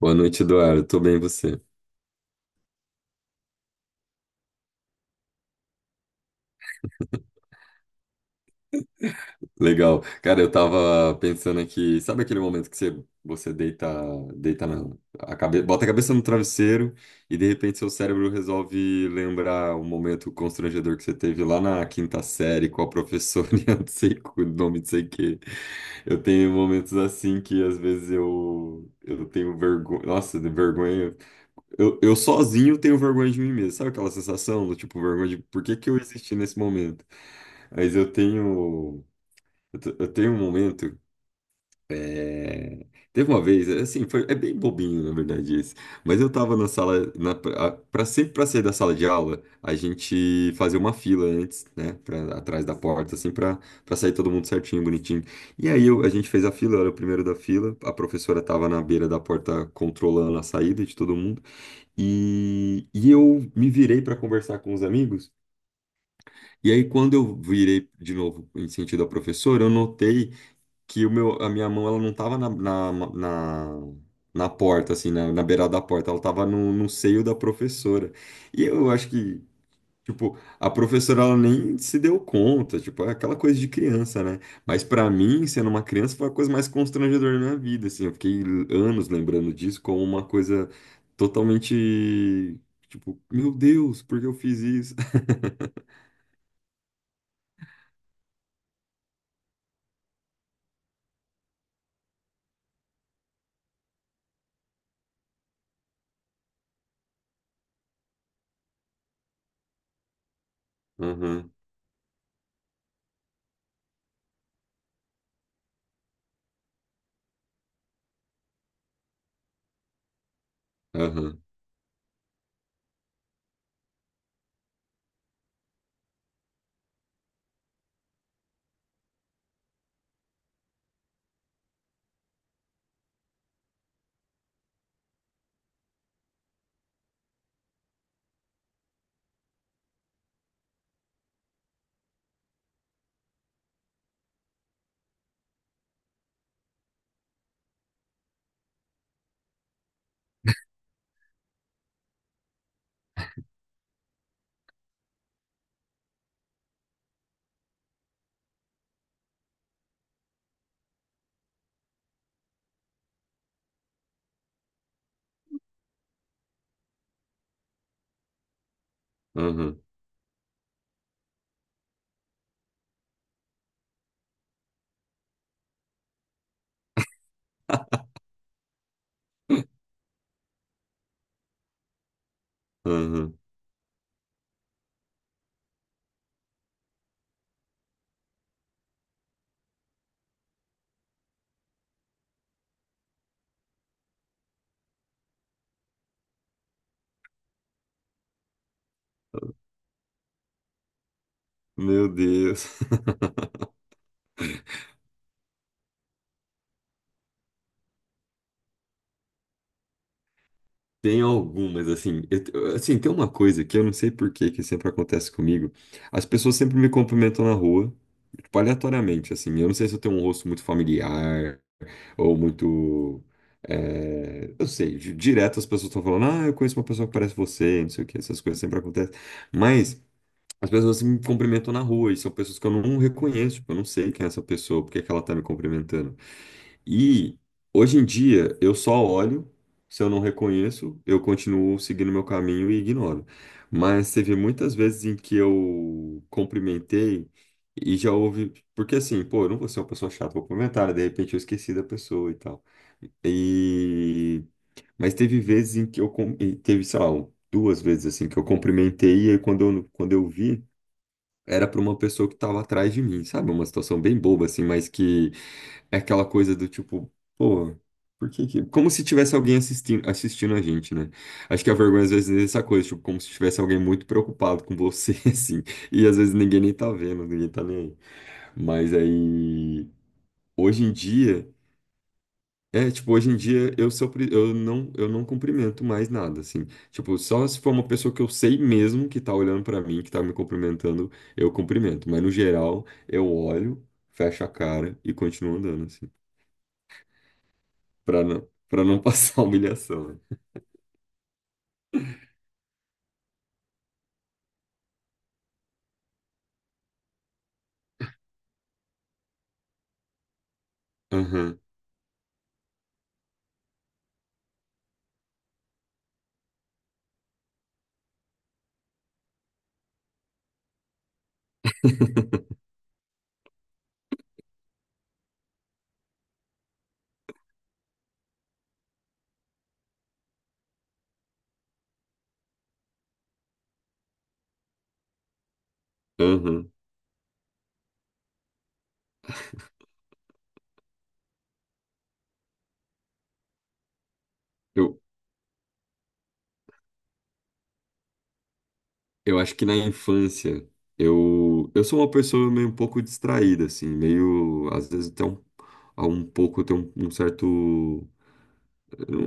Boa noite, Eduardo. Tô bem, e você? Legal. Cara, eu tava pensando aqui, sabe aquele momento que você, você deita, deita na, a cabe, bota a cabeça no travesseiro e de repente seu cérebro resolve lembrar um momento constrangedor que você teve lá na quinta série com a professora, e eu não sei o nome, não sei o quê. Eu tenho momentos assim que às vezes eu tenho vergonha, nossa, de vergonha. Eu sozinho tenho vergonha de mim mesmo. Sabe aquela sensação do tipo vergonha de por que que eu existi nesse momento? Mas eu tenho. Eu tenho um momento. é, Teve uma vez, assim, é bem bobinho, na verdade, esse. Mas eu tava na sala. Sempre pra sair da sala de aula, a gente fazia uma fila antes, né? Atrás da porta, assim, pra sair todo mundo certinho, bonitinho. E aí a gente fez a fila, eu era o primeiro da fila. A professora tava na beira da porta controlando a saída de todo mundo. E eu me virei pra conversar com os amigos. E aí, quando eu virei de novo em sentido ao professor, eu notei que o meu, a minha mão ela não estava na porta, assim, na beirada da porta, ela estava no seio da professora. E eu acho que, tipo, a professora ela nem se deu conta, tipo, é aquela coisa de criança, né? Mas para mim, sendo uma criança, foi a coisa mais constrangedora da minha vida, assim. Eu fiquei anos lembrando disso como uma coisa totalmente, tipo, meu Deus, por que eu fiz isso? Aham, aham, aham. Aham. Meu Deus. Tem algumas, assim, assim, tem uma coisa que eu não sei por que que sempre acontece comigo. As pessoas sempre me cumprimentam na rua, tipo, aleatoriamente, assim. Eu não sei se eu tenho um rosto muito familiar ou muito. Eu sei, direto as pessoas estão falando, ah, eu conheço uma pessoa que parece você, não sei o que, essas coisas sempre acontecem. Mas as pessoas assim, me cumprimentam na rua e são pessoas que eu não reconheço, tipo, eu não sei quem é essa pessoa, por que que ela tá me cumprimentando. E hoje em dia eu só olho, se eu não reconheço, eu continuo seguindo meu caminho e ignoro. Mas teve muitas vezes em que eu cumprimentei e já houve, porque assim, pô, eu não vou ser uma pessoa chata, vou cumprimentar, né? De repente eu esqueci da pessoa e tal. E mas teve vezes em que eu cum- e teve, sei lá, 2 vezes assim que eu cumprimentei e aí quando eu vi era para uma pessoa que estava atrás de mim, sabe? Uma situação bem boba assim, mas que é aquela coisa do tipo, pô, por que que... Como se tivesse alguém assistindo, assistindo a gente, né? Acho que a vergonha às vezes é essa coisa, tipo, como se tivesse alguém muito preocupado com você, assim. E às vezes ninguém nem tá vendo, ninguém tá nem aí. Mas aí, hoje em dia... É, tipo, hoje em dia eu sou, pri- eu não cumprimento mais nada, assim. Tipo, só se for uma pessoa que eu sei mesmo que tá olhando pra mim, que tá me cumprimentando, eu cumprimento. Mas no geral, eu olho, fecho a cara e continuo andando, assim. Para não passar humilhação, né? Aham, aham. Eu, eu acho que na infância eu sou uma pessoa meio um pouco distraída, assim, meio, às vezes até um, a um pouco, eu tenho um, um certo, um,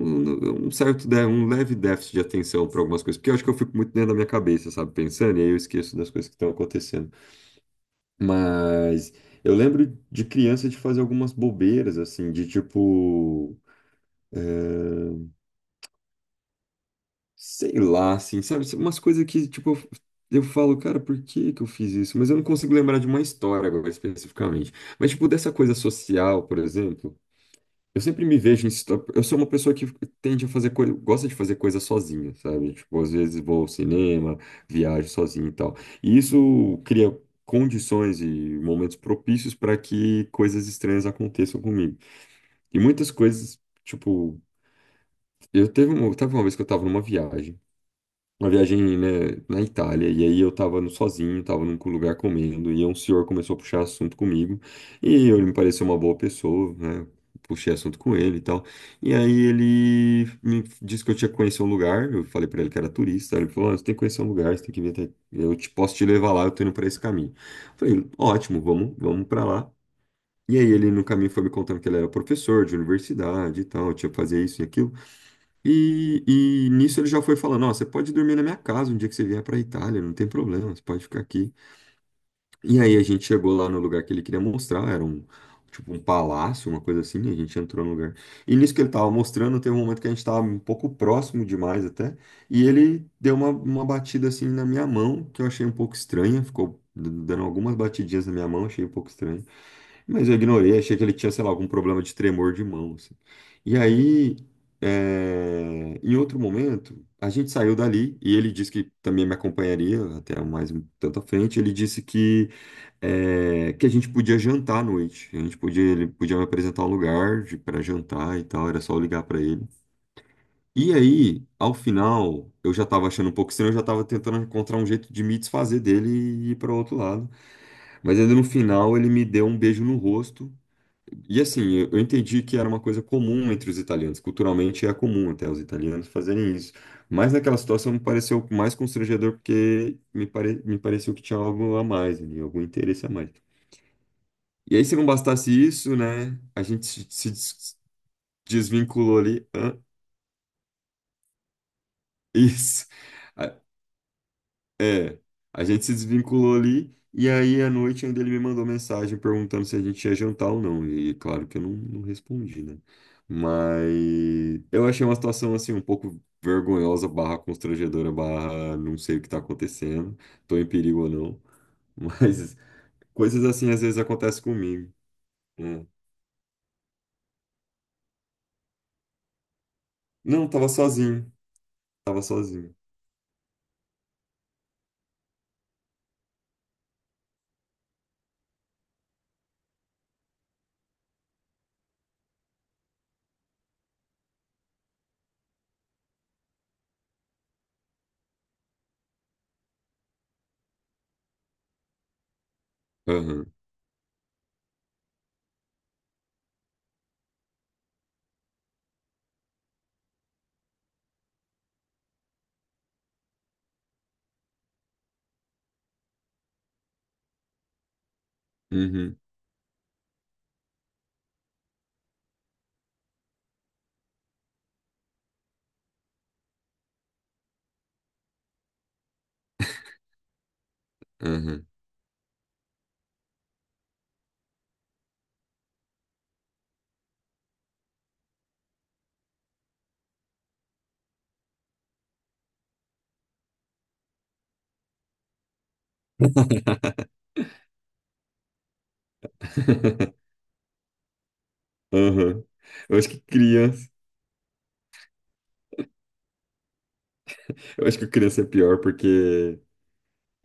um certo, dé- um leve déficit de atenção para algumas coisas, porque eu acho que eu fico muito dentro da minha cabeça, sabe, pensando, e aí eu esqueço das coisas que estão acontecendo. Mas eu lembro de criança de fazer algumas bobeiras, assim, de tipo. eh, Sei lá, assim, sabe? Umas coisas que, tipo, eu falo, cara, por que que eu fiz isso? Mas eu não consigo lembrar de uma história agora, especificamente. Mas, tipo, dessa coisa social, por exemplo, eu sempre me vejo em... Eu sou uma pessoa que tende a fazer coisa... Gosta de fazer coisa sozinha, sabe? Tipo, às vezes vou ao cinema, viajo sozinho e tal. E isso cria condições e momentos propícios para que coisas estranhas aconteçam comigo. E muitas coisas, tipo... teve uma vez que eu tava numa viagem, uma viagem, né, na Itália, e aí eu tava sozinho, tava num lugar comendo, e um senhor começou a puxar assunto comigo, e ele me pareceu uma boa pessoa, né, puxei assunto com ele e tal, e aí ele me disse que eu tinha que conhecer um lugar, eu falei pra ele que era turista, ele falou, ah, você tem que conhecer um lugar, você tem que vir até, posso te levar lá, eu tô indo pra esse caminho. Eu falei, ótimo, vamos, vamos pra lá. E aí ele no caminho foi me contando que ele era professor de universidade e tal, tinha que fazer isso e aquilo. E nisso ele já foi falando, ó, você pode dormir na minha casa um dia que você vier para Itália, não tem problema, você pode ficar aqui. E aí a gente chegou lá no lugar que ele queria mostrar, era tipo um palácio, uma coisa assim, a gente entrou no lugar. E nisso que ele tava mostrando, teve um momento que a gente tava um pouco próximo demais até, e ele deu uma batida assim na minha mão, que eu achei um pouco estranha, ficou dando algumas batidinhas na minha mão, achei um pouco estranho. Mas eu ignorei, achei que ele tinha, sei lá, algum problema de tremor de mão, assim. E aí, em outro momento, a gente saiu dali e ele disse que também me acompanharia até mais um tanto à frente. Ele disse que a gente podia jantar à noite. A gente podia, ele podia me apresentar um lugar para jantar e tal, era só eu ligar para ele. E aí, ao final, eu já estava achando um pouco estranho, eu já estava tentando encontrar um jeito de me desfazer dele e ir para outro lado. Mas ainda no final, ele me deu um beijo no rosto e assim, eu entendi que era uma coisa comum entre os italianos, culturalmente é comum até os italianos fazerem isso. Mas naquela situação me pareceu mais constrangedor porque me pareceu que tinha algo a mais ali, algum interesse a mais. E aí, se não bastasse isso, né, a gente se se des- desvinculou ali. Hã? Isso. É, a gente se desvinculou ali e aí à noite ainda ele me mandou mensagem perguntando se a gente ia jantar ou não. E claro que eu não respondi, né? Mas eu achei uma situação assim um pouco vergonhosa, barra constrangedora, barra não sei o que tá acontecendo, tô em perigo ou não. Mas coisas assim às vezes acontecem comigo, né? Não, tava sozinho, tava sozinho. Aham, uhum, aham, aham. Eu acho que criança, eu acho que criança é pior porque...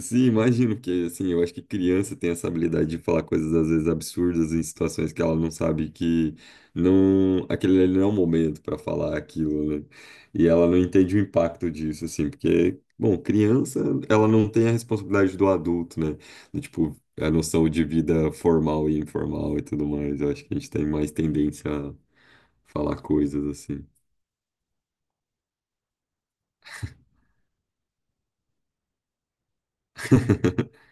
Sim, imagino. Porque assim, eu acho que criança tem essa habilidade de falar coisas às vezes absurdas em situações que ela não sabe que... não, aquele ali não é o momento para falar aquilo, né? E ela não entende o impacto disso, assim, porque, bom, criança, ela não tem a responsabilidade do adulto, né? Do, tipo, a noção de vida formal e informal e tudo mais. Eu acho que a gente tem mais tendência a falar coisas assim.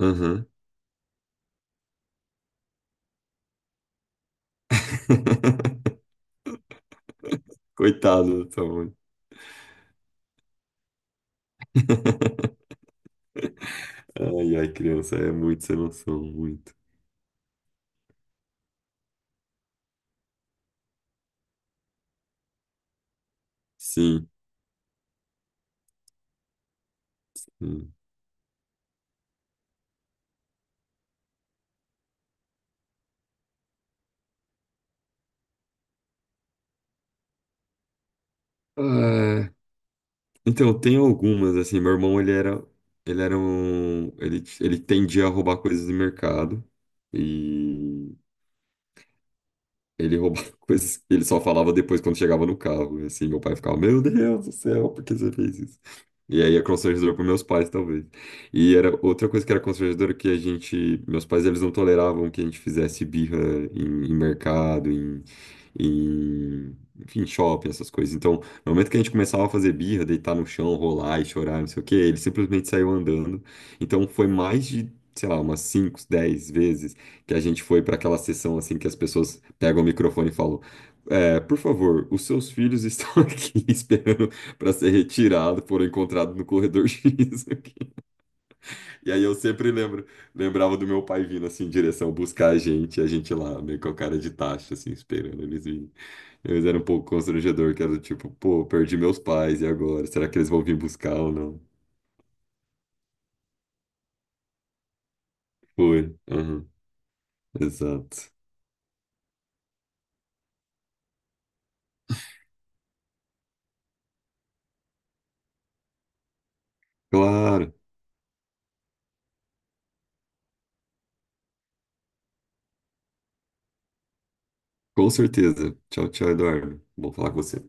Aham. Coitado, tá bom. Ai, ai, criança, é muito sem noção, muito. Sim. Hum. Ah, então, tem algumas, assim, meu irmão, ele era um, ele tendia a roubar coisas do mercado, e ele roubava coisas. Ele só falava depois quando chegava no carro. E assim, meu pai ficava, meu Deus do céu, por que você fez isso? E aí é constrangedor para meus pais, talvez. E era outra coisa que era constrangedora que a gente. Meus pais, eles não toleravam que a gente fizesse birra em mercado, Enfim, shopping, essas coisas. Então, no momento que a gente começava a fazer birra, deitar no chão, rolar e chorar, não sei o quê, ele simplesmente saiu andando. Então, foi mais de, sei lá, umas 5 10 vezes que a gente foi para aquela sessão assim que as pessoas pegam o microfone e falam: "É, por favor, os seus filhos estão aqui esperando para ser retirado, foram encontrados no corredor X aqui." E aí eu sempre lembro, lembrava do meu pai vindo assim em direção buscar a gente, e a gente lá meio com a cara de taxa assim esperando eles virem. Eles eram um pouco constrangedor, que era do tipo, pô, perdi meus pais e agora, será que eles vão vir buscar ou não? Foi. Aham, exato. Claro, com certeza. Tchau, tchau, Eduardo. Bom falar com você.